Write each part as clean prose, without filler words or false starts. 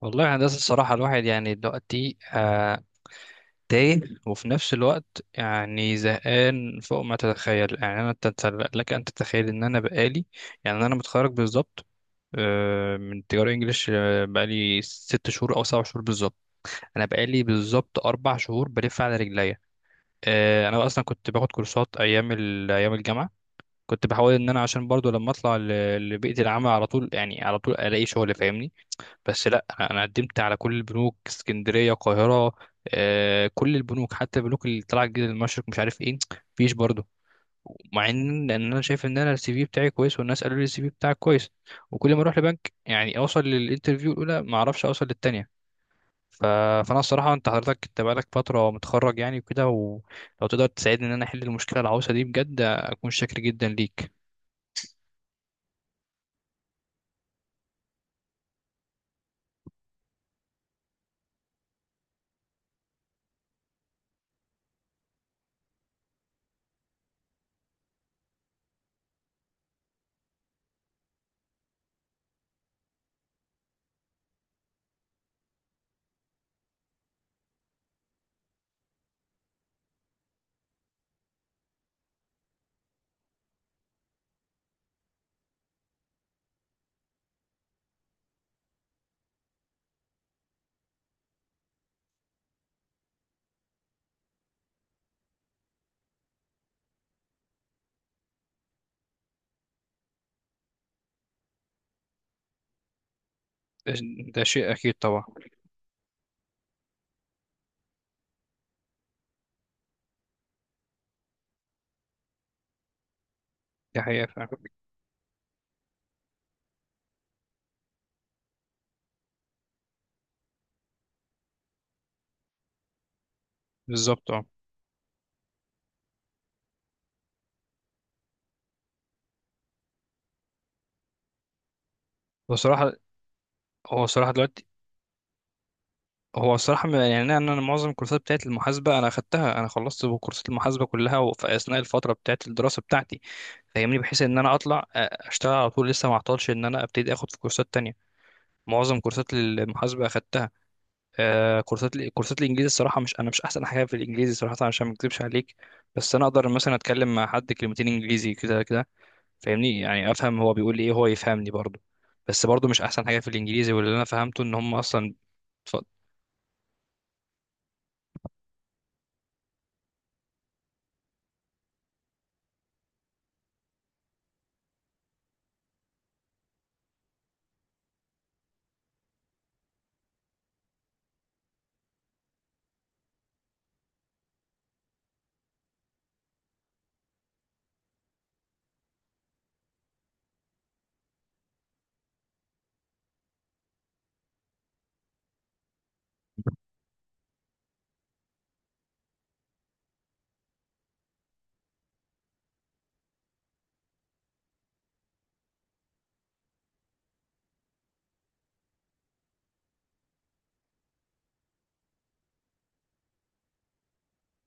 والله يا هندسة، الصراحة الواحد يعني دلوقتي تايه، وفي نفس الوقت يعني زهقان فوق ما تتخيل. يعني أنا لك أن تتخيل إن أنا بقالي، يعني أنا متخرج بالظبط من تجارة إنجليش، بقالي ست شهور أو سبع شهور بالظبط. أنا بقالي بالظبط أربع شهور بلف على رجليا. أنا أصلا كنت باخد كورسات أيام الجامعة. كنت بحاول إن أنا عشان برضو لما لبيئة العمل على طول، يعني على طول ألاقي شغل، فاهمني؟ بس لا، أنا قدمت على كل البنوك، اسكندريه، القاهره، كل البنوك، حتى البنوك اللي طلعت جديد، المشرق، مش عارف ايه، مفيش برضه. مع لأن انا شايف ان انا السي في بتاعي كويس، والناس قالوا لي السي في بتاعك كويس، وكل ما اروح لبنك يعني اوصل للانترفيو الاولى ما اعرفش اوصل للتانيه. ف... فانا الصراحه، انت حضرتك بقالك فتره متخرج يعني وكده، ولو تقدر تساعدني ان انا احل المشكله العويصه دي بجد اكون شاكر جدا ليك. ده, ده شيء اكيد طبعا. دي حقيقه فعلا. بالظبط اه. بصراحه، هو الصراحة دلوقتي، هو الصراحة يعني أنا معظم الكورسات بتاعت المحاسبة أنا أخدتها. أنا خلصت كورسات المحاسبة كلها في أثناء الفترة بتاعت الدراسة بتاعتي، فاهمني؟ بحيث إن أنا أشتغل على طول، لسه ما أعطلش إن أنا أبتدي أخد في كورسات تانية. معظم كورسات المحاسبة أخدتها. كورسات الإنجليزي، الصراحة مش أنا مش أحسن حاجة في الإنجليزي صراحة، عشان ما أكذبش عليك. بس أنا أقدر مثلا أتكلم مع حد كلمتين إنجليزي كده كده، فاهمني؟ يعني أفهم هو بيقول لي إيه، هو يفهمني برضه. بس برضه مش أحسن حاجة في الإنجليزي. واللي أنا فهمته إن هم أصلا،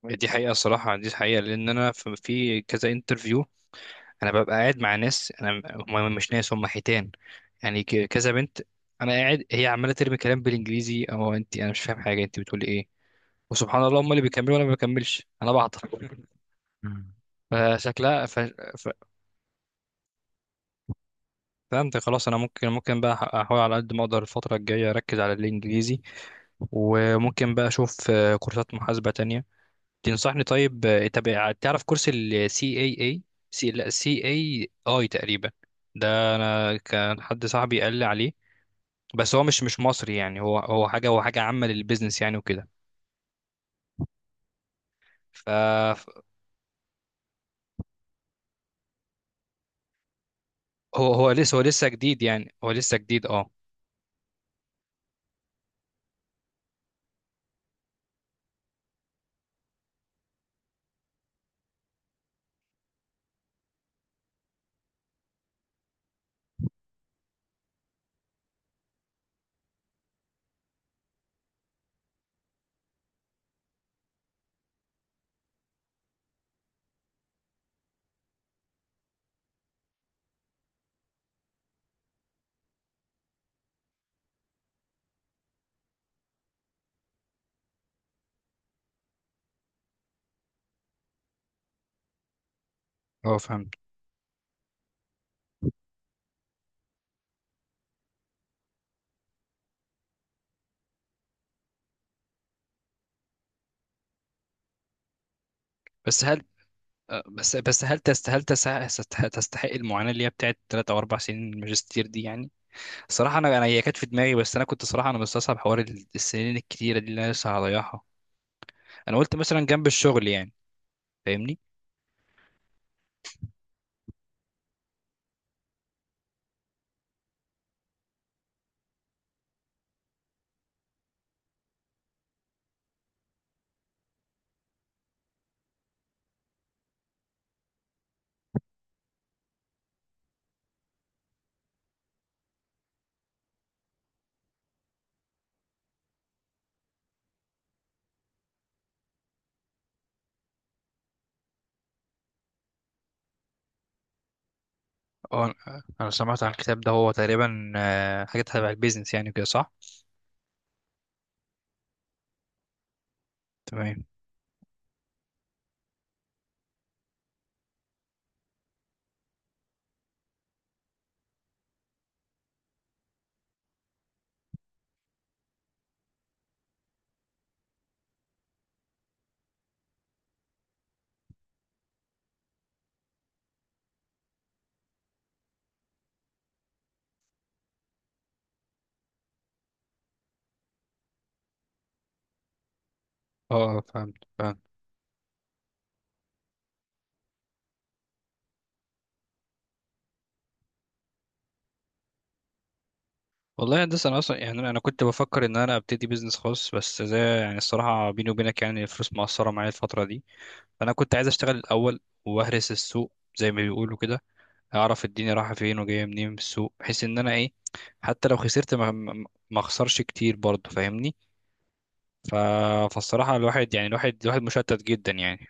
دي حقيقة، الصراحة دي حقيقة. لأن أنا في كذا انترفيو، أنا ببقى قاعد مع ناس. أنا، هم مش ناس، هم حيتان. يعني كذا بنت أنا قاعد، هي عمالة ترمي كلام بالإنجليزي، أو أنت، أنا مش فاهم حاجة أنت بتقولي إيه. وسبحان الله، هم اللي بيكملوا وأنا ما بكملش، أنا بعطل. مم. فشكلها. ف... فهمت خلاص. انا ممكن بقى احاول على قد ما اقدر الفتره الجايه اركز على الانجليزي. وممكن بقى اشوف كورسات محاسبه تانية تنصحني. طيب طب تعرف كورس ال CAA، سي لا CAI تقريبا؟ ده انا كان حد صاحبي قال لي عليه. بس هو مش مصري، يعني هو حاجه عامه للبيزنس يعني وكده. ف هو لسه جديد، يعني هو لسه جديد اه. اه فهمت. بس هل بس هل تست هل تس- تستحق تستحق المعاناه اللي هي بتاعت ثلاث او اربع سنين الماجستير دي يعني. صراحه انا هي كانت في دماغي، بس انا كنت صراحه انا مستصعب حوار السنين الكتيره دي اللي انا لسه هضيعها. انا قلت مثلا جنب الشغل يعني. فاهمني. اه، انا سمعت عن الكتاب ده، هو تقريبا حاجه تبع البيزنس يعني كده، صح؟ تمام. اه فهمت فهمت. والله يا هندسه، انا اصلا يعني انا كنت بفكر ان انا ابتدي بيزنس خاص، بس زي يعني الصراحه بيني وبينك يعني الفلوس مقصره معايا الفتره دي. فانا كنت عايز اشتغل الاول واهرس السوق زي ما بيقولوا كده، اعرف الدنيا رايحه فين وجايه منين في السوق، بحيث ان انا ايه، حتى لو خسرت ما اخسرش كتير برضه، فاهمني؟ ف... فالصراحه الواحد يعني الواحد مشتت جدا يعني.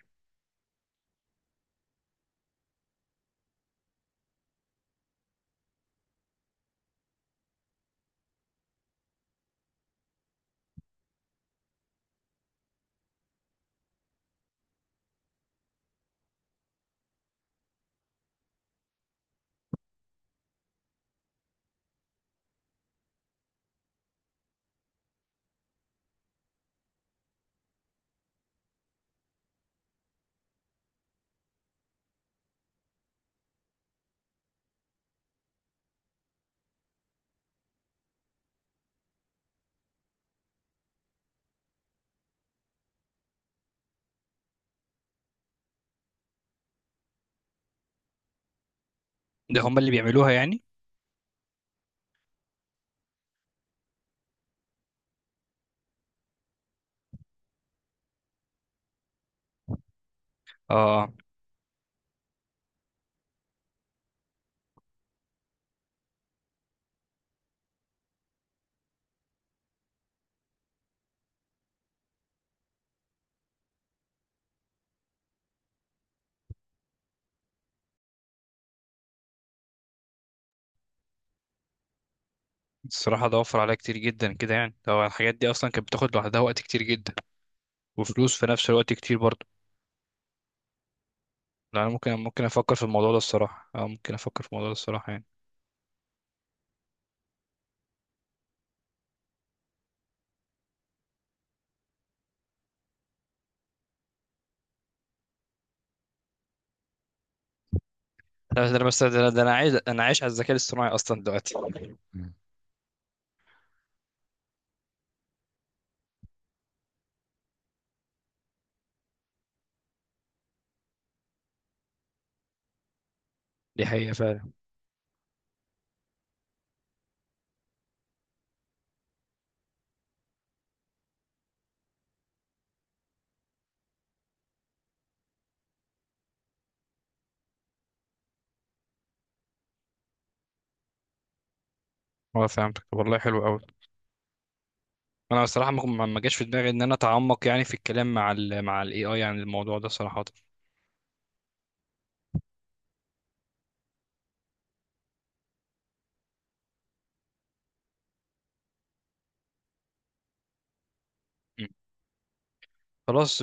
ده هم اللي بيعملوها يعني؟ اه، الصراحة ده وفر عليا كتير جدا كده، يعني لو الحاجات دي أصلا كانت بتاخد لوحدها وقت كتير جدا، وفلوس في نفس الوقت كتير برضه. لا، أنا ممكن أفكر في الموضوع ده الصراحة. أه، ممكن أفكر في الموضوع ده الصراحة يعني. لا، ده أنا بس، ده أنا عايز أنا عايش على الذكاء الاصطناعي أصلا دلوقتي. دي حقيقة فعلا. أه فهمتك. طب والله حلو أوي. أنا الصراحة ما جاش في دماغي إن أنا أتعمق يعني في الكلام مع ال مع ال AI يعني الموضوع ده صراحة. م. خلاص.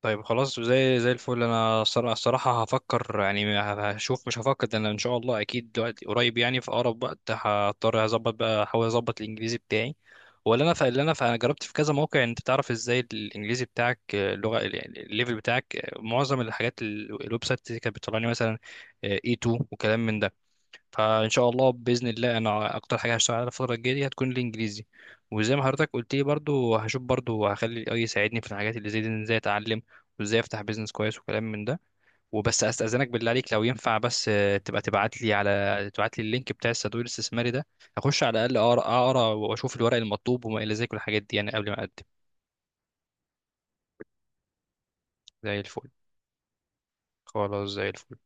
طيب خلاص زي الفل. انا الصراحه هفكر يعني، هشوف، مش هفكر ده، انا ان شاء الله اكيد دلوقتي قريب يعني في اقرب وقت هضطر اظبط بقى احاول اظبط الانجليزي بتاعي. ولا انا انا جربت في كذا موقع، انت تعرف ازاي الانجليزي بتاعك، اللغه يعني الليفل بتاعك، معظم الحاجات الويب سايت اللي كانت بتطلعني مثلا A2 وكلام من ده. فان شاء الله باذن الله انا اكتر حاجه هشتغل عليها الفتره الجايه دي هتكون الانجليزي. وزي ما حضرتك قلت لي برضو هشوف، برضو هخلي الاي يساعدني في الحاجات اللي زي دي، إن ازاي اتعلم وازاي افتح بيزنس كويس وكلام من ده. وبس استاذنك بالله عليك لو ينفع، بس تبقى تبعت لي اللينك بتاع الصندوق الاستثماري ده. اخش على الاقل اقرا، واشوف الورق المطلوب وما الى ذلك والحاجات دي يعني قبل ما اقدم. زي الفل. خلاص زي الفل.